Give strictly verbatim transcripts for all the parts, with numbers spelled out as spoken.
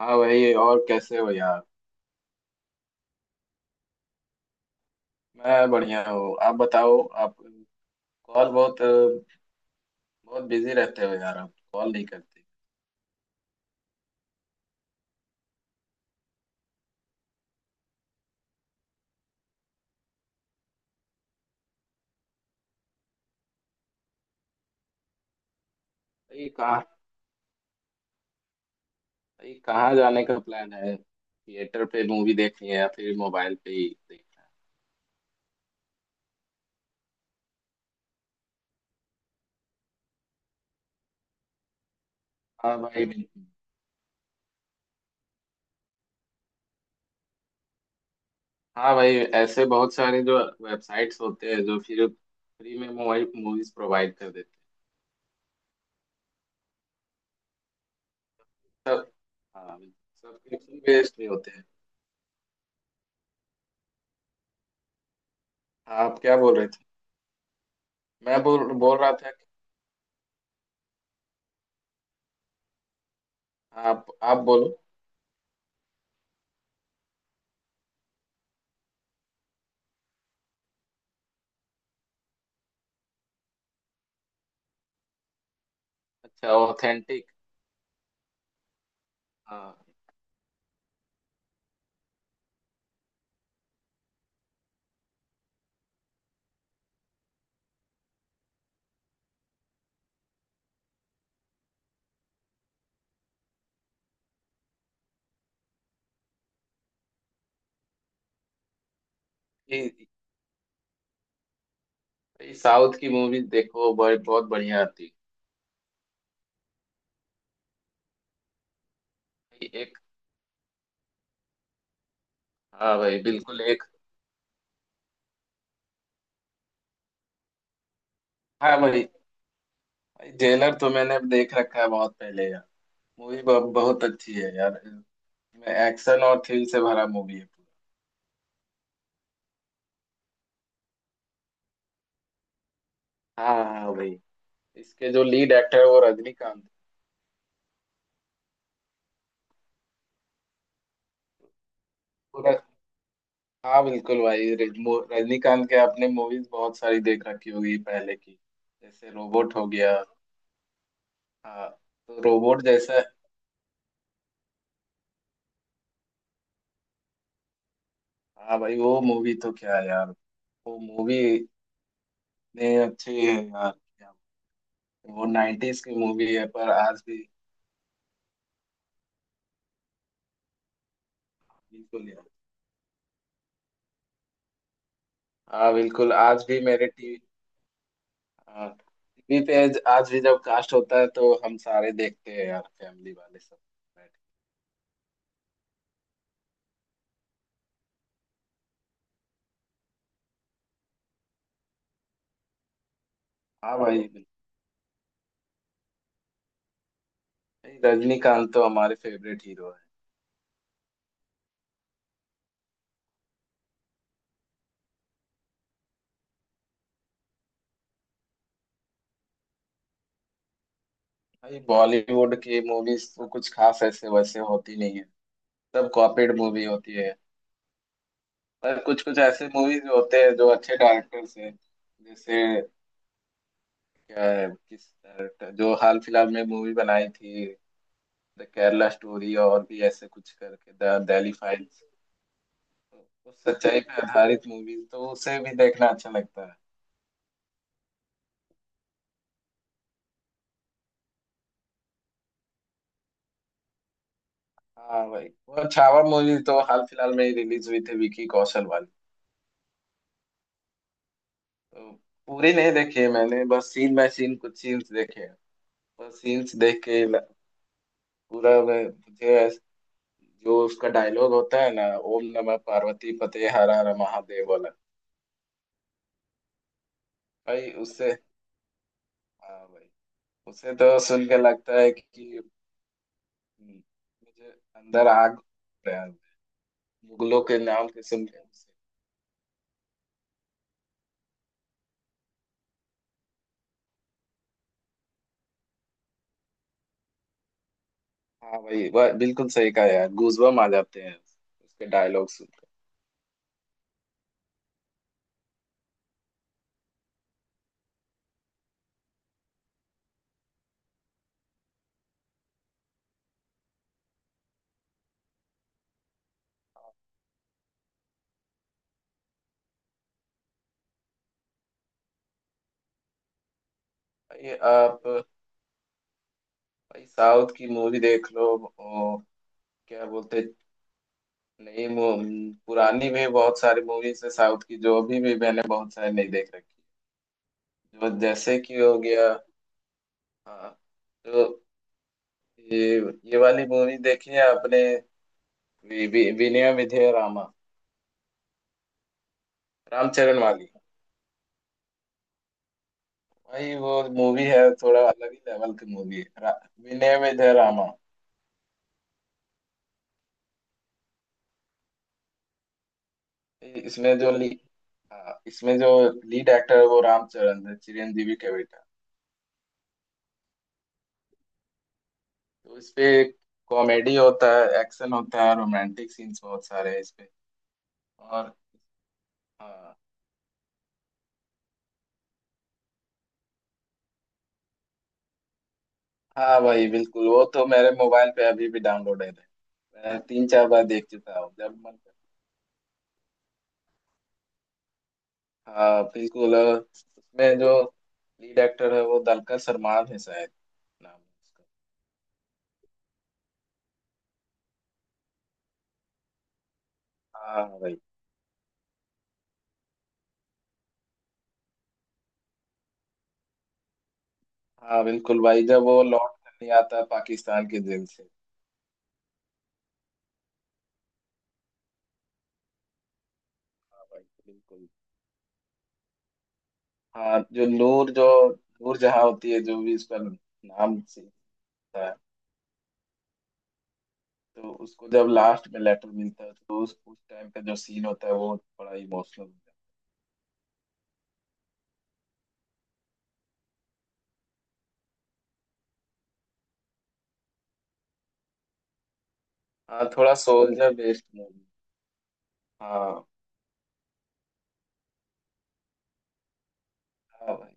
हाँ भाई, और कैसे हो यार? मैं बढ़िया हूँ, आप बताओ। आप कॉल बहुत बहुत बिजी रहते हो यार, आप कॉल नहीं करते। भाई कहाँ भाई कहाँ जाने का प्लान है, थिएटर पे मूवी देखनी है या फिर मोबाइल पे ही देखनी है? हाँ भाई, बिल्कुल। हाँ भाई, ऐसे बहुत सारे जो वेबसाइट्स होते हैं जो फिर फ्री में मोबाइल मूवीज प्रोवाइड कर देते हैं सब। हाँ, सब्सक्रिप्शन बेस्ड भी होते हैं। हाँ, आप क्या बोल रहे थे? मैं बोल बोल रहा था कि- आप आप बोलो। अच्छा, ऑथेंटिक। हाँ, ये ये साउथ की मूवी देखो, बड़ी बहुत बढ़िया आती है एक। हाँ भाई, बिल्कुल एक। हाँ भाई, जेलर तो मैंने देख रखा है बहुत पहले यार। मूवी बहुत अच्छी है यार, इसमें एक्शन और थ्रिल से भरा मूवी है पूरा। हाँ हाँ भाई, इसके जो लीड एक्टर है वो रजनीकांत। पूरा। हाँ बिल्कुल भाई, रज- मो- रजनीकांत के आपने मूवीज बहुत सारी देख रखी होगी पहले की, जैसे रोबोट हो गया। हाँ, तो रोबोट जैसा। हाँ भाई, वो मूवी तो क्या है यार, वो मूवी। नहीं अच्छी है यार क्या, वो नाइन्टीज की मूवी है पर आज भी बिल्कुल यार। हाँ, बिल्कुल आज भी मेरे टीवी टीवी पे आज आज भी जब कास्ट होता है तो हम सारे देखते हैं यार, फैमिली वाले सब बैठ के। हाँ भाई, बिल्कुल। भाई, रजनीकांत तो हमारे फेवरेट हीरो है। भाई, बॉलीवुड की मूवीज तो कुछ खास ऐसे वैसे होती नहीं है, सब कॉपीड मूवी होती है। पर कुछ कुछ ऐसे मूवीज होते हैं जो अच्छे डायरेक्टर्स हैं, जैसे क्या है किस डायरेक्टर जो हाल फिलहाल में मूवी बनाई थी, द केरला स्टोरी और भी ऐसे कुछ करके, द दिल्ली फाइल्स। तो उस सच्चाई पे आधारित मूवीज तो उसे भी देखना अच्छा लगता है। हाँ भाई, वो छावा मूवी तो हाल फिलहाल में ही रिलीज हुई थी विकी कौशल वाली। तो पूरी नहीं देखी है मैंने, बस सीन बाय सीन कुछ सीन्स देखे हैं। बस सीन्स देख के ल- पूरा मैं- मुझे ऐस- जो उसका डायलॉग होता है ना, ओम नमः पार्वती पते हर हर महादेव वाला। भाई उससे, हाँ भाई, उसे तो सुन के लगता है कि हम्म, मुझे अंदर आग, प्यार, मुगलों के नाम के सुन के उसे- हाँ भाई, वह बिल्कुल सही कहा यार, गूजबम आ जाते हैं उसके डायलॉग सुन के। भाई आप, भाई साउथ की मूवी देख लो। ओ, क्या बोलते, नई मू- पुरानी भी बहुत सारी मूवीज है साउथ की जो अभी भी मैंने बहुत सारी नहीं देख रखी जो, जैसे कि हो गया। हाँ, तो ये ये वाली मूवी देखी है आपने, वि- वि- विनय विधेय रामा, रामचरण वाली। भाई वो मूवी है, थोड़ा अलग ही लेवल की मूवी है रा- विनय में जय रामा। इसमें जो ली हाँ, इसमें जो लीड एक्टर है वो रामचरण है, चिरंजीवी के बेटा। तो इसपे कॉमेडी होता है, एक्शन होता है, रोमांटिक सीन्स बहुत सारे हैं इसपे। और हाँ हाँ भाई, बिल्कुल वो तो मेरे मोबाइल पे अभी भी डाउनलोडेड है। मैं तीन चार बार देख चुका हूँ जब मन कर। हाँ बिल्कुल, और उसमें जो लीड एक्टर है वो दलकर सलमान है शायद, नाम है उसका। हाँ हाँ भाई, हाँ बिल्कुल भाई जब वो लौट कर नहीं आता पाकिस्तान के जेल से। हाँ भाई, बिल्कुल। हाँ, जो नूर जो नूर जहाँ होती है, जो भी उसका नाम से होता है। तो उसको जब लास्ट में लेटर मिलता है तो उस उस टाइम का जो सीन होता है वो बड़ा इमोशनल होता है। हाँ, थोड़ा सोल्जर बेस्ड मूवी। हाँ हाँ भाई।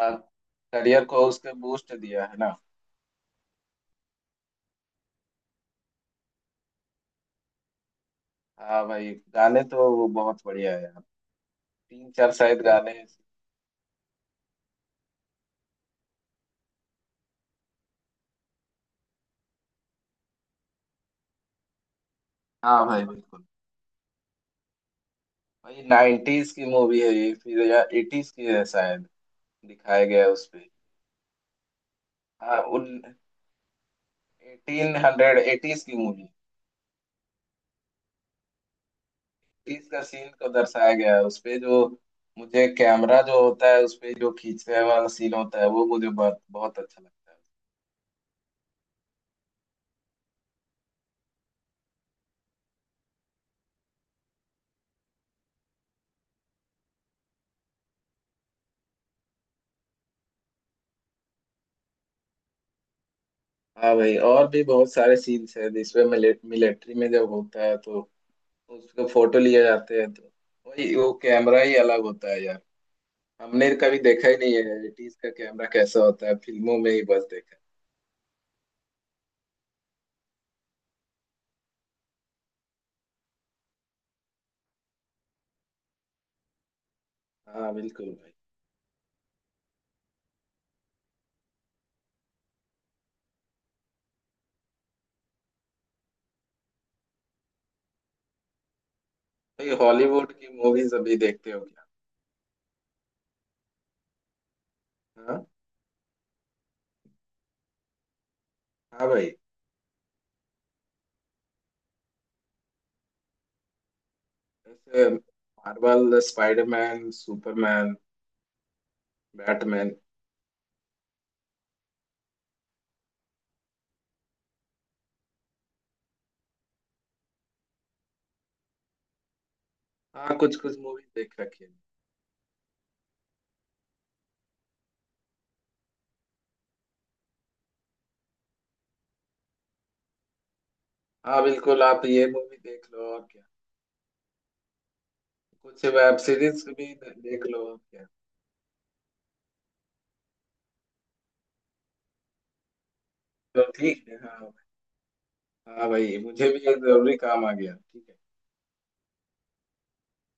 हाँ, करियर को उसने बूस्ट दिया है ना। हाँ भाई, गाने तो वो बहुत बढ़िया है यार। तीन चार शायद गाने। हाँ भाई, बिल्कुल भाई, नाइन्टीज की मूवी है ये फिर या एटीज की है शायद, दिखाया गया है उसपे। हाँ, उन एटीन हंड्रेड एटीज की मूवी। एटीज का सीन को दर्शाया गया है उसपे, जो मुझे कैमरा जो होता है उसपे जो खींचने वाला सीन होता है वो मुझे बहुत बहुत अच्छा लगता है। हाँ भाई, और भी बहुत सारे सीन्स हैं जिसमें मिलिट्री में जब होता है तो उसको फोटो लिए जाते हैं, तो वही वो कैमरा ही अलग होता है यार। हमने कभी देखा ही नहीं है एटीज का कैमरा कैसा होता है, फिल्मों में ही बस देखा है। हाँ बिल्कुल भाई। भाई, हॉलीवुड की मूवीज अभी देखते हो क्या? हाँ। हाँ भाई। जैसे मार्वल, स्पाइडरमैन, सुपरमैन, बैटमैन। हाँ, कुछ कुछ मूवीज देख रखी है। हाँ बिल्कुल, आप ये मूवी देख लो और क्या। कुछ वेब सीरीज भी दे- देख लो और क्या। तो ठीक है, हाँ। हाँ भाई, मुझे भी एक जरूरी काम आ गया, ठीक है।